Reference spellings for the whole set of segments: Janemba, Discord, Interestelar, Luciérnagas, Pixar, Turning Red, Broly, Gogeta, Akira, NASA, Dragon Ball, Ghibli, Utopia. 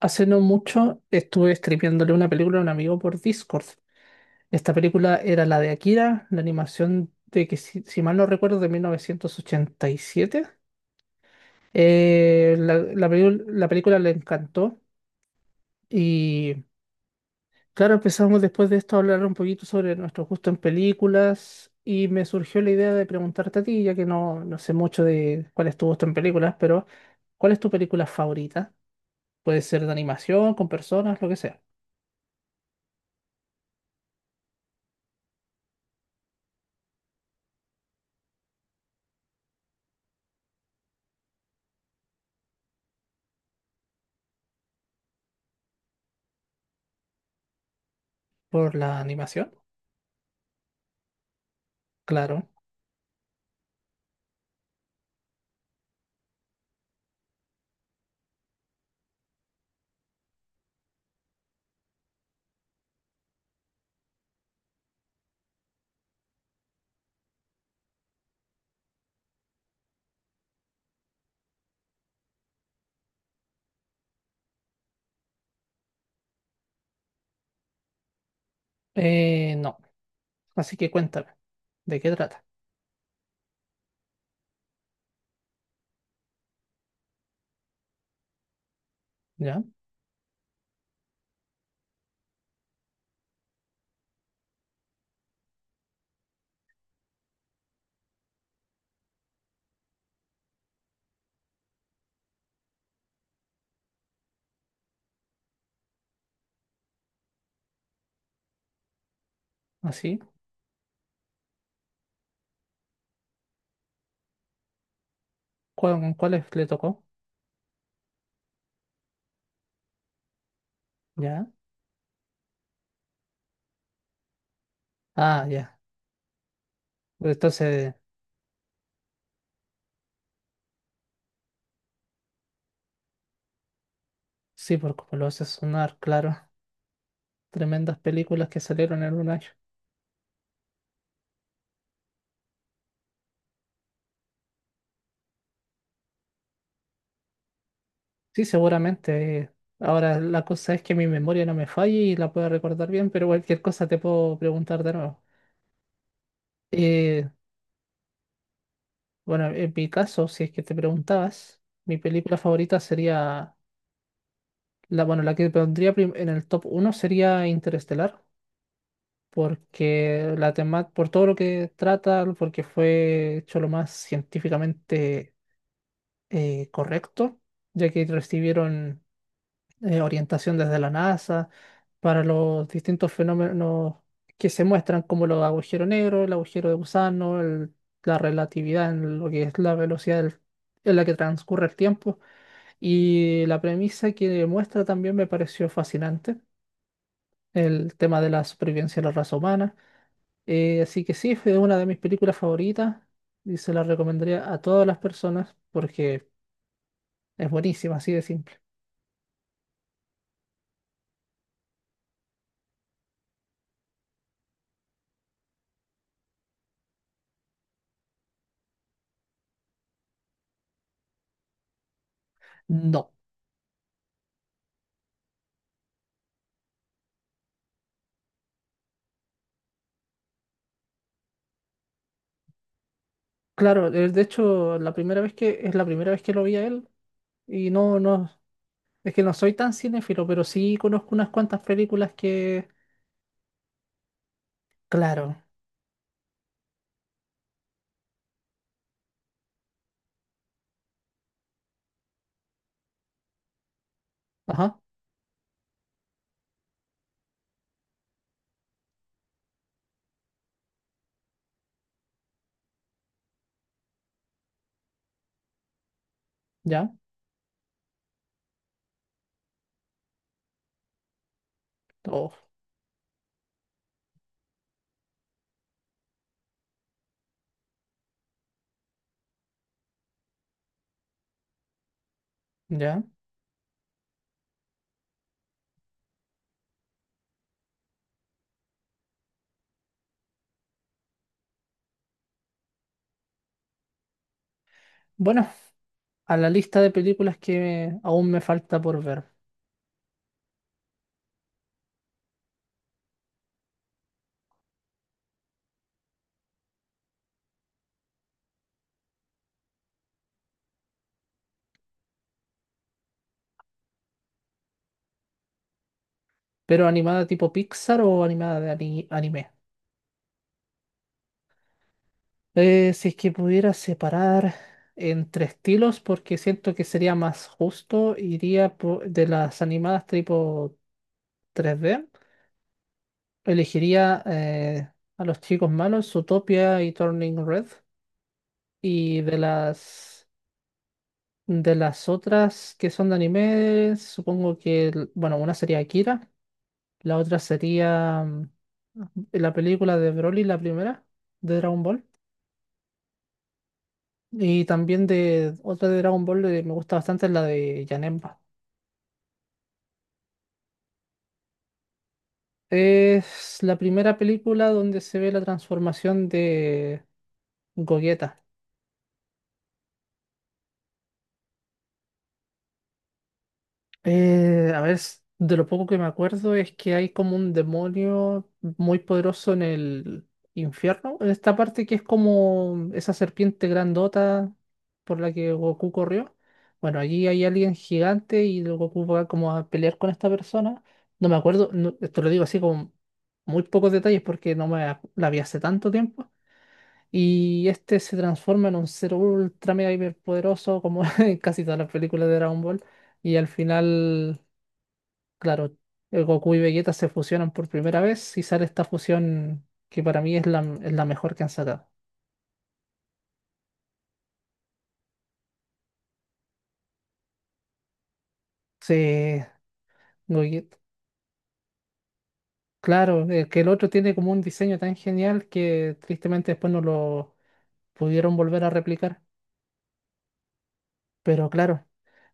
Hace no mucho estuve streameándole una película a un amigo por Discord. Esta película era la de Akira, la animación de que, si mal no recuerdo, de 1987. La película le encantó y, claro, empezamos después de esto a hablar un poquito sobre nuestro gusto en películas y me surgió la idea de preguntarte a ti, ya que no sé mucho de cuál es tu gusto en películas, pero ¿cuál es tu película favorita? Puede ser de animación, con personas, lo que sea. ¿Por la animación? Claro. No. Así que cuéntame, ¿de qué trata? ¿Ya? ¿Así? ¿Cuál, con cuáles le tocó? ¿Ya? Ah, ya. Entonces, sí, por como lo hace sonar, claro. Tremendas películas que salieron en un año. Sí, seguramente. Ahora, la cosa es que mi memoria no me falle y la pueda recordar bien, pero cualquier cosa te puedo preguntar de nuevo. Eh, bueno, en mi caso, si es que te preguntabas, mi película favorita sería la, bueno, la que en el top uno sería Interestelar. Porque la tema, por todo lo que trata, porque fue hecho lo más científicamente correcto, ya que recibieron orientación desde la NASA para los distintos fenómenos que se muestran, como los agujeros negros, el agujero de gusano, la relatividad en lo que es en la que transcurre el tiempo. Y la premisa que muestra también me pareció fascinante, el tema de la supervivencia de la raza humana. Así que sí, fue una de mis películas favoritas y se la recomendaría a todas las personas porque es buenísima, así de simple. No, claro, de hecho, la primera vez que es la primera vez que lo vi a él y es que no soy tan cinéfilo, pero sí conozco unas cuantas películas que, claro, ajá, ya, oh, ya. Bueno, a la lista de películas que aún me falta por ver, pero animada tipo Pixar o animada anime. Si es que pudiera separar entre estilos, porque siento que sería más justo, iría por- de las animadas tipo 3D. Elegiría a los chicos malos, Utopia y Turning Red. Y de las otras que son de anime, supongo que, el- bueno, una sería Akira, la otra sería la película de Broly, la primera, de Dragon Ball. Y también de otra de Dragon Ball que me gusta bastante es la de Janemba. Es la primera película donde se ve la transformación de Gogeta. A ver, s- de lo poco que me acuerdo es que hay como un demonio muy poderoso en el infierno, en esta parte que es como esa serpiente grandota por la que Goku corrió. Bueno, allí hay alguien gigante y el Goku va como a pelear con esta persona. No me acuerdo, no- te lo digo así con muy pocos detalles porque no me ac- la vi hace tanto tiempo. Y este se transforma en un ser ultra mega hiper poderoso como en casi todas las películas de Dragon Ball. Y al final, claro, el Goku y Vegeta se fusionan por primera vez y sale esta fusión que para mí es la mejor que han sacado. Sí, Goku. Claro, que el otro tiene como un diseño tan genial que tristemente después no lo pudieron volver a replicar. Pero claro,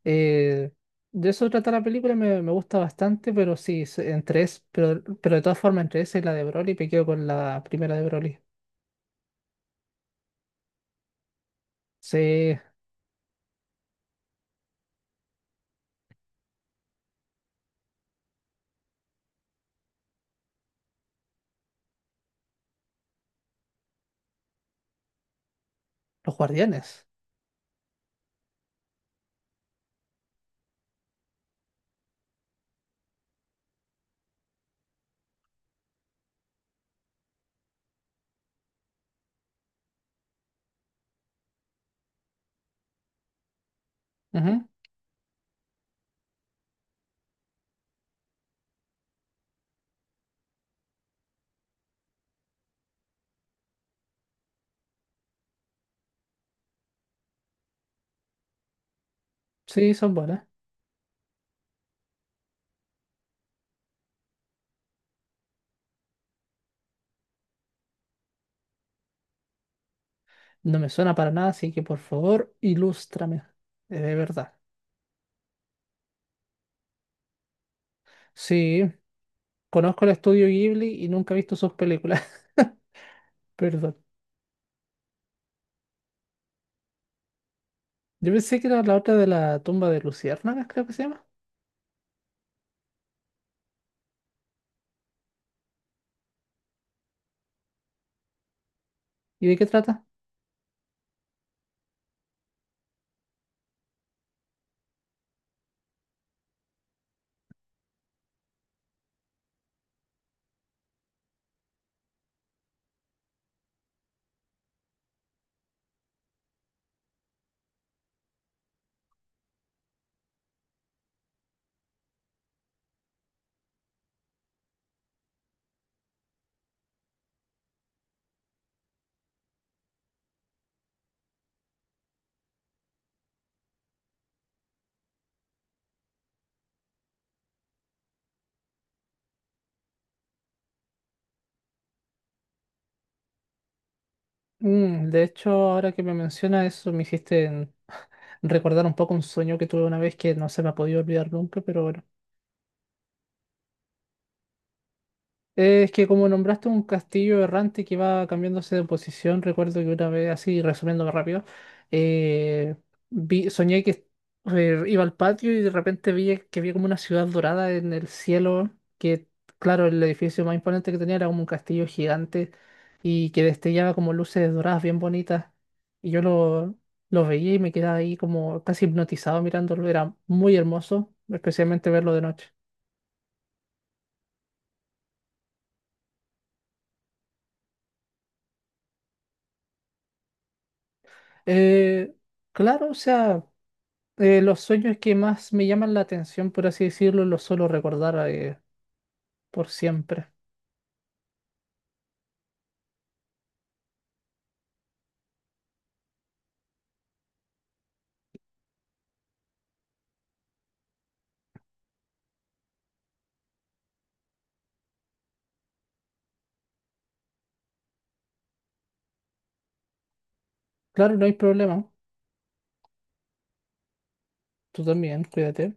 eh, de eso trata la película, me gusta bastante, pero sí, pero de todas formas, entre esa y la de Broly, me quedo con la primera de Broly. Sí, los guardianes. Ujú. Sí, son buenas. No me suena para nada, así que por favor, ilústrame. Eh, de verdad. Sí, conozco el estudio Ghibli y nunca he visto sus películas. Perdón. Yo pensé que era la otra de la tumba de Luciérnagas, creo que se llama. ¿Y de qué trata? Mm, de hecho, ahora que me menciona eso, me hiciste recordar un poco un sueño que tuve una vez que no se me ha podido olvidar nunca, pero bueno. Es que como nombraste un castillo errante que va cambiándose de posición, recuerdo que una vez, así resumiéndome rápido, eh, soñé que iba al patio y de repente vi que había como una ciudad dorada en el cielo, que, claro, el edificio más imponente que tenía era como un castillo gigante y que destellaba como luces doradas bien bonitas. Y lo veía y me quedaba ahí como casi hipnotizado mirándolo, era muy hermoso, especialmente verlo de noche. Eh, claro, o sea... los sueños que más me llaman la atención, por así decirlo, los suelo recordar por siempre. Claro, no hay problema. Tú también, cuídate.